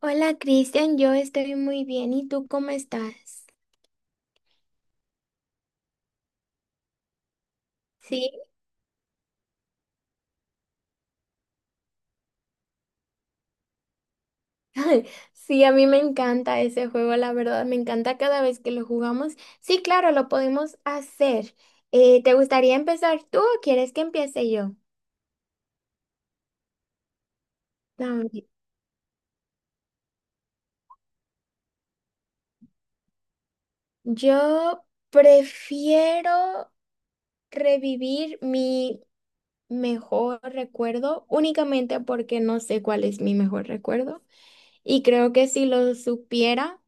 Hola Cristian, yo estoy muy bien. ¿Y tú cómo estás? Sí, sí, a mí me encanta ese juego, la verdad, me encanta cada vez que lo jugamos. Sí, claro, lo podemos hacer. ¿Te gustaría empezar tú o quieres que empiece yo? A ver, yo prefiero revivir mi mejor recuerdo, únicamente porque no sé cuál es mi mejor recuerdo. Y creo que si lo supiera,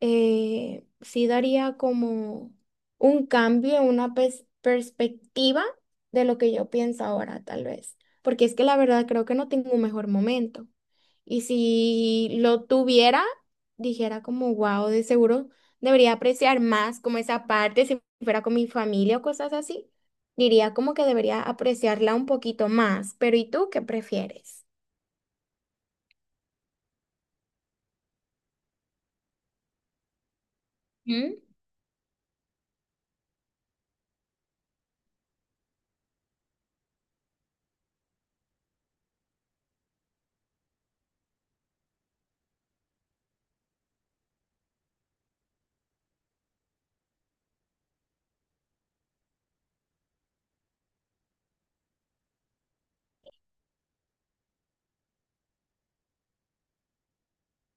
sí daría como un cambio, una perspectiva de lo que yo pienso ahora, tal vez. Porque es que la verdad creo que no tengo un mejor momento. Y si lo tuviera, dijera como, wow, de seguro debería apreciar más como esa parte, si fuera con mi familia o cosas así. Diría como que debería apreciarla un poquito más, pero ¿y tú qué prefieres? ¿Mm?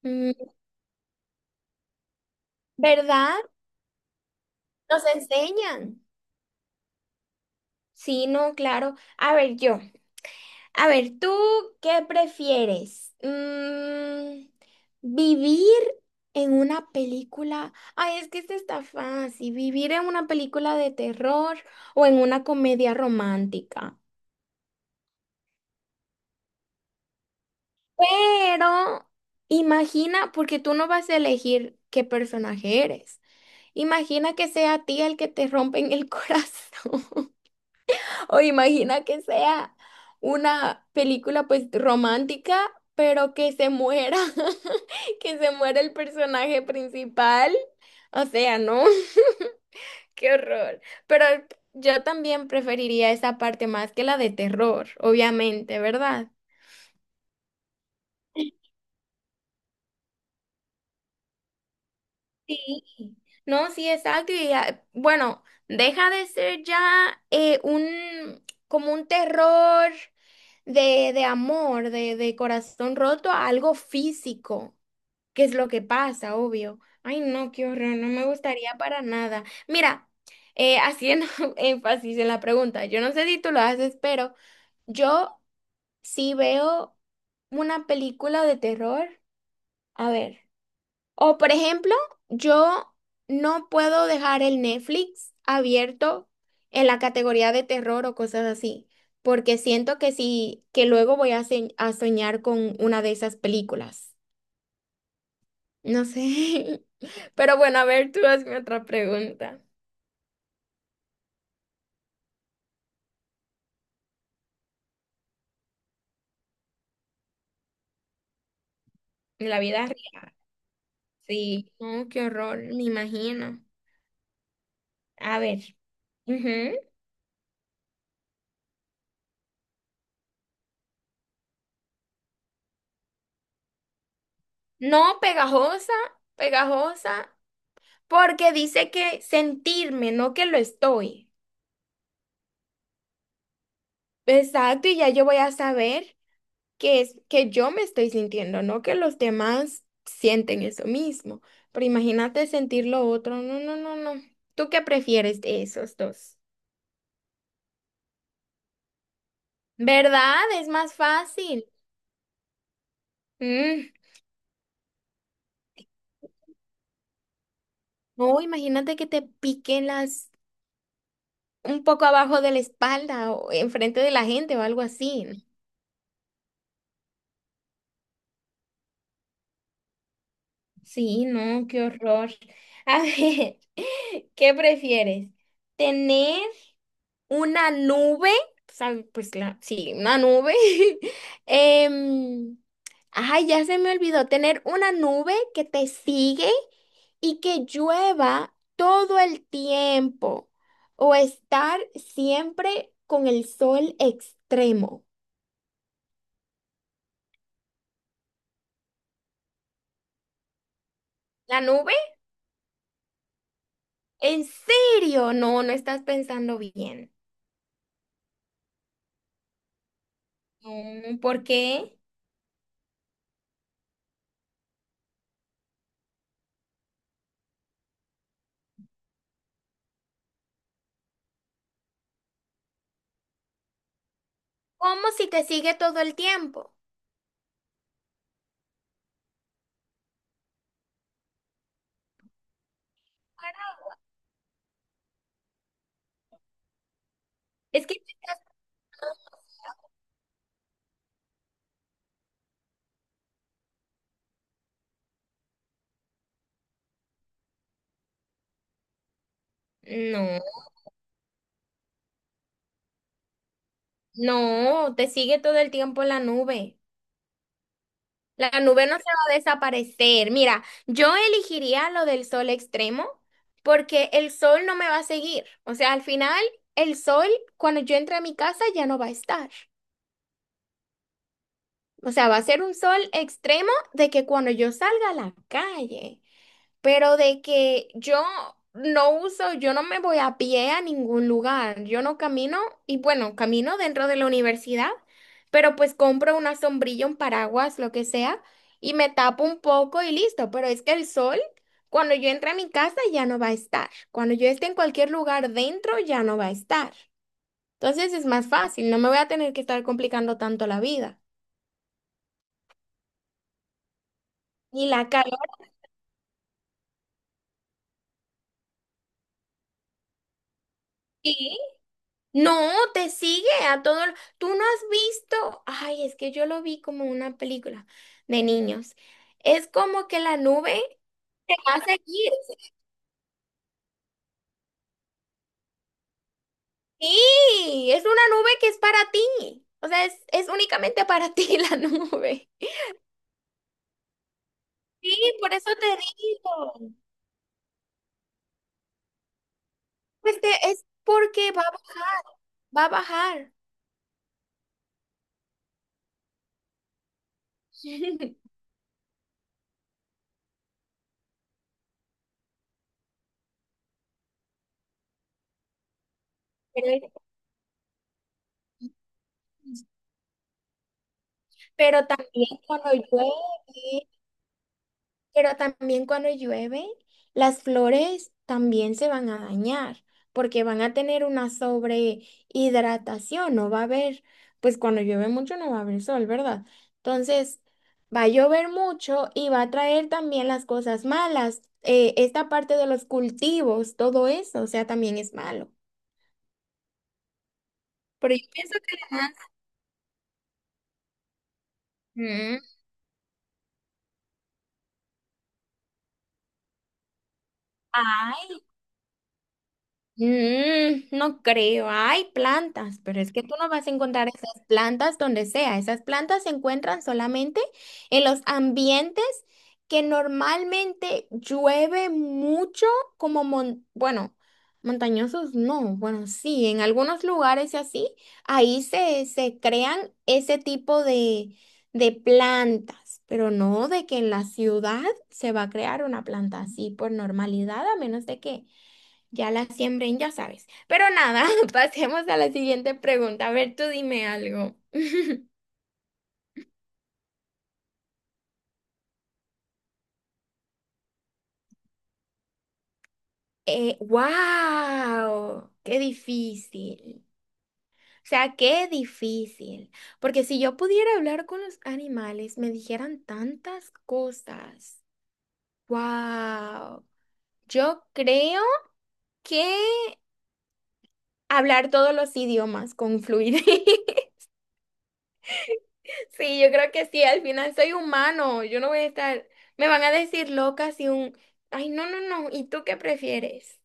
Mm, ¿verdad? Nos enseñan. Sí, no, claro. A ver, yo. A ver, ¿tú qué prefieres? Mm, ¿vivir en una película? Ay, es que esta está fácil. ¿Vivir en una película de terror o en una comedia romántica? Pero imagina, porque tú no vas a elegir qué personaje eres. Imagina que sea a ti el que te rompen el corazón. O imagina que sea una película pues romántica, pero que se muera, que se muera el personaje principal. O sea, ¿no? Qué horror. Pero yo también preferiría esa parte más que la de terror, obviamente, ¿verdad? Sí, no, sí, exacto. Y, ah, bueno, deja de ser ya un como un terror. De amor, de corazón roto, a algo físico, que es lo que pasa, obvio. Ay, no, qué horror, no me gustaría para nada. Mira, haciendo énfasis en la pregunta, yo no sé si tú lo haces, pero yo sí veo una película de terror. A ver. O por ejemplo, yo no puedo dejar el Netflix abierto en la categoría de terror o cosas así, porque siento que sí, que luego voy a, a soñar con una de esas películas. No sé. Pero bueno, a ver, tú hazme otra pregunta. En la vida real. Sí. No, qué horror, me imagino. A ver. Ujú. No pegajosa, pegajosa, porque dice que sentirme, no que lo estoy. Exacto, y ya yo voy a saber que es que yo me estoy sintiendo, no que los demás sienten eso mismo. Pero imagínate sentir lo otro. No, no, no, no. ¿Tú qué prefieres de esos dos? ¿Verdad? Es más fácil. Mm. No, imagínate que te piquen las un poco abajo de la espalda o enfrente de la gente o algo así, ¿no? Sí, no, qué horror. A ver, ¿qué prefieres? ¿Tener una nube, o sea, pues la, sí, una nube? em, ay, ya se me olvidó. Tener una nube que te sigue y que llueva todo el tiempo o estar siempre con el sol extremo. ¿La nube? ¿En serio? No, no estás pensando bien. No, ¿por qué? ¿Cómo si te sigue todo el tiempo? Es que... No. No, te sigue todo el tiempo la nube. La nube no se va a desaparecer. Mira, yo elegiría lo del sol extremo porque el sol no me va a seguir. O sea, al final, el sol, cuando yo entre a mi casa, ya no va a estar. O sea, va a ser un sol extremo de que cuando yo salga a la calle. Pero de que yo no uso, yo no me voy a pie a ningún lugar. Yo no camino, y bueno, camino dentro de la universidad, pero pues compro una sombrilla, un paraguas, lo que sea, y me tapo un poco y listo. Pero es que el sol, cuando yo entre a mi casa, ya no va a estar. Cuando yo esté en cualquier lugar dentro, ya no va a estar. Entonces es más fácil, no me voy a tener que estar complicando tanto la vida. Ni la calor. No, te sigue a todo. Tú no has visto. Ay, es que yo lo vi como una película de niños. Es como que la nube te va a seguir. Sí, es una nube que es para ti. O sea, es únicamente para ti la nube. Sí, por eso te digo. Es porque va a bajar, va a bajar. Pero, pero también cuando llueve. Pero también cuando llueve, las flores también se van a dañar porque van a tener una sobrehidratación, no va a haber, pues cuando llueve mucho no va a haber sol, ¿verdad? Entonces, va a llover mucho y va a traer también las cosas malas, esta parte de los cultivos, todo eso, o sea, también es malo. Pero yo pienso que además... Mm. Mm, no creo, hay plantas, pero es que tú no vas a encontrar esas plantas donde sea. Esas plantas se encuentran solamente en los ambientes que normalmente llueve mucho, como, bueno, montañosos no, bueno, sí, en algunos lugares y así, ahí se crean ese tipo de plantas, pero no de que en la ciudad se va a crear una planta así por normalidad, a menos de que ya la siembren, ya sabes. Pero nada, pasemos a la siguiente pregunta. A ver, tú dime algo. Wow, qué difícil. O sea, qué difícil. Porque si yo pudiera hablar con los animales, me dijeran tantas cosas. Wow. Yo creo que hablar todos los idiomas con fluidez. Sí, yo creo que sí, al final soy humano, yo no voy a estar, me van a decir loca si un, ay, no, no, no, ¿y tú qué prefieres?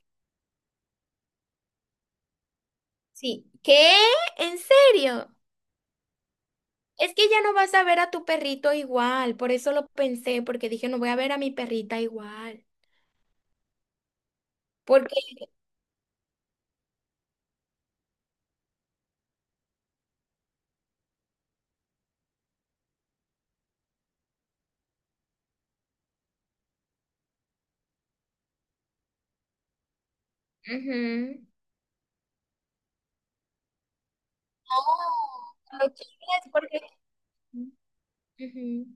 Sí. ¿Qué? ¿En serio? Es que ya no vas a ver a tu perrito igual, por eso lo pensé, porque dije, no voy a ver a mi perrita igual, porque, ujú. No, lo quieres porque, ujú.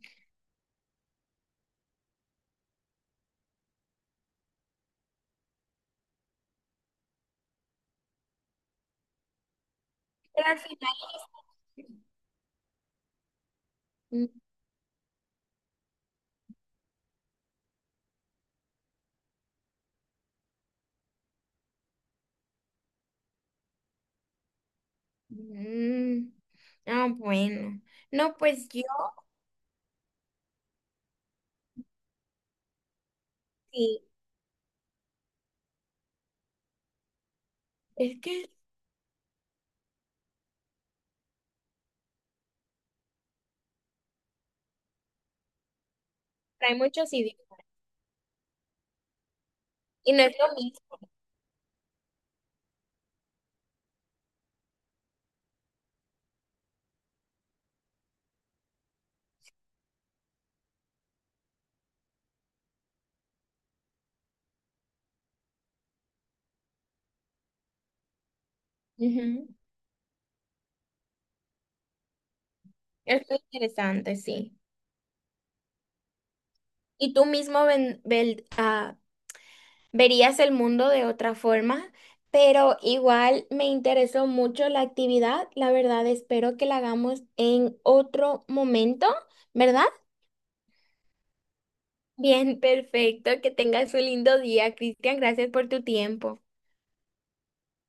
Pero al final mm. Ah, bueno. No, pues yo sí. Es que hay muchos idiomas. Y no es lo mismo. Ujú. Es muy interesante, sí. Y tú mismo verías el mundo de otra forma, pero igual me interesó mucho la actividad. La verdad, espero que la hagamos en otro momento, ¿verdad? Bien, perfecto. Que tengas un lindo día, Cristian. Gracias por tu tiempo.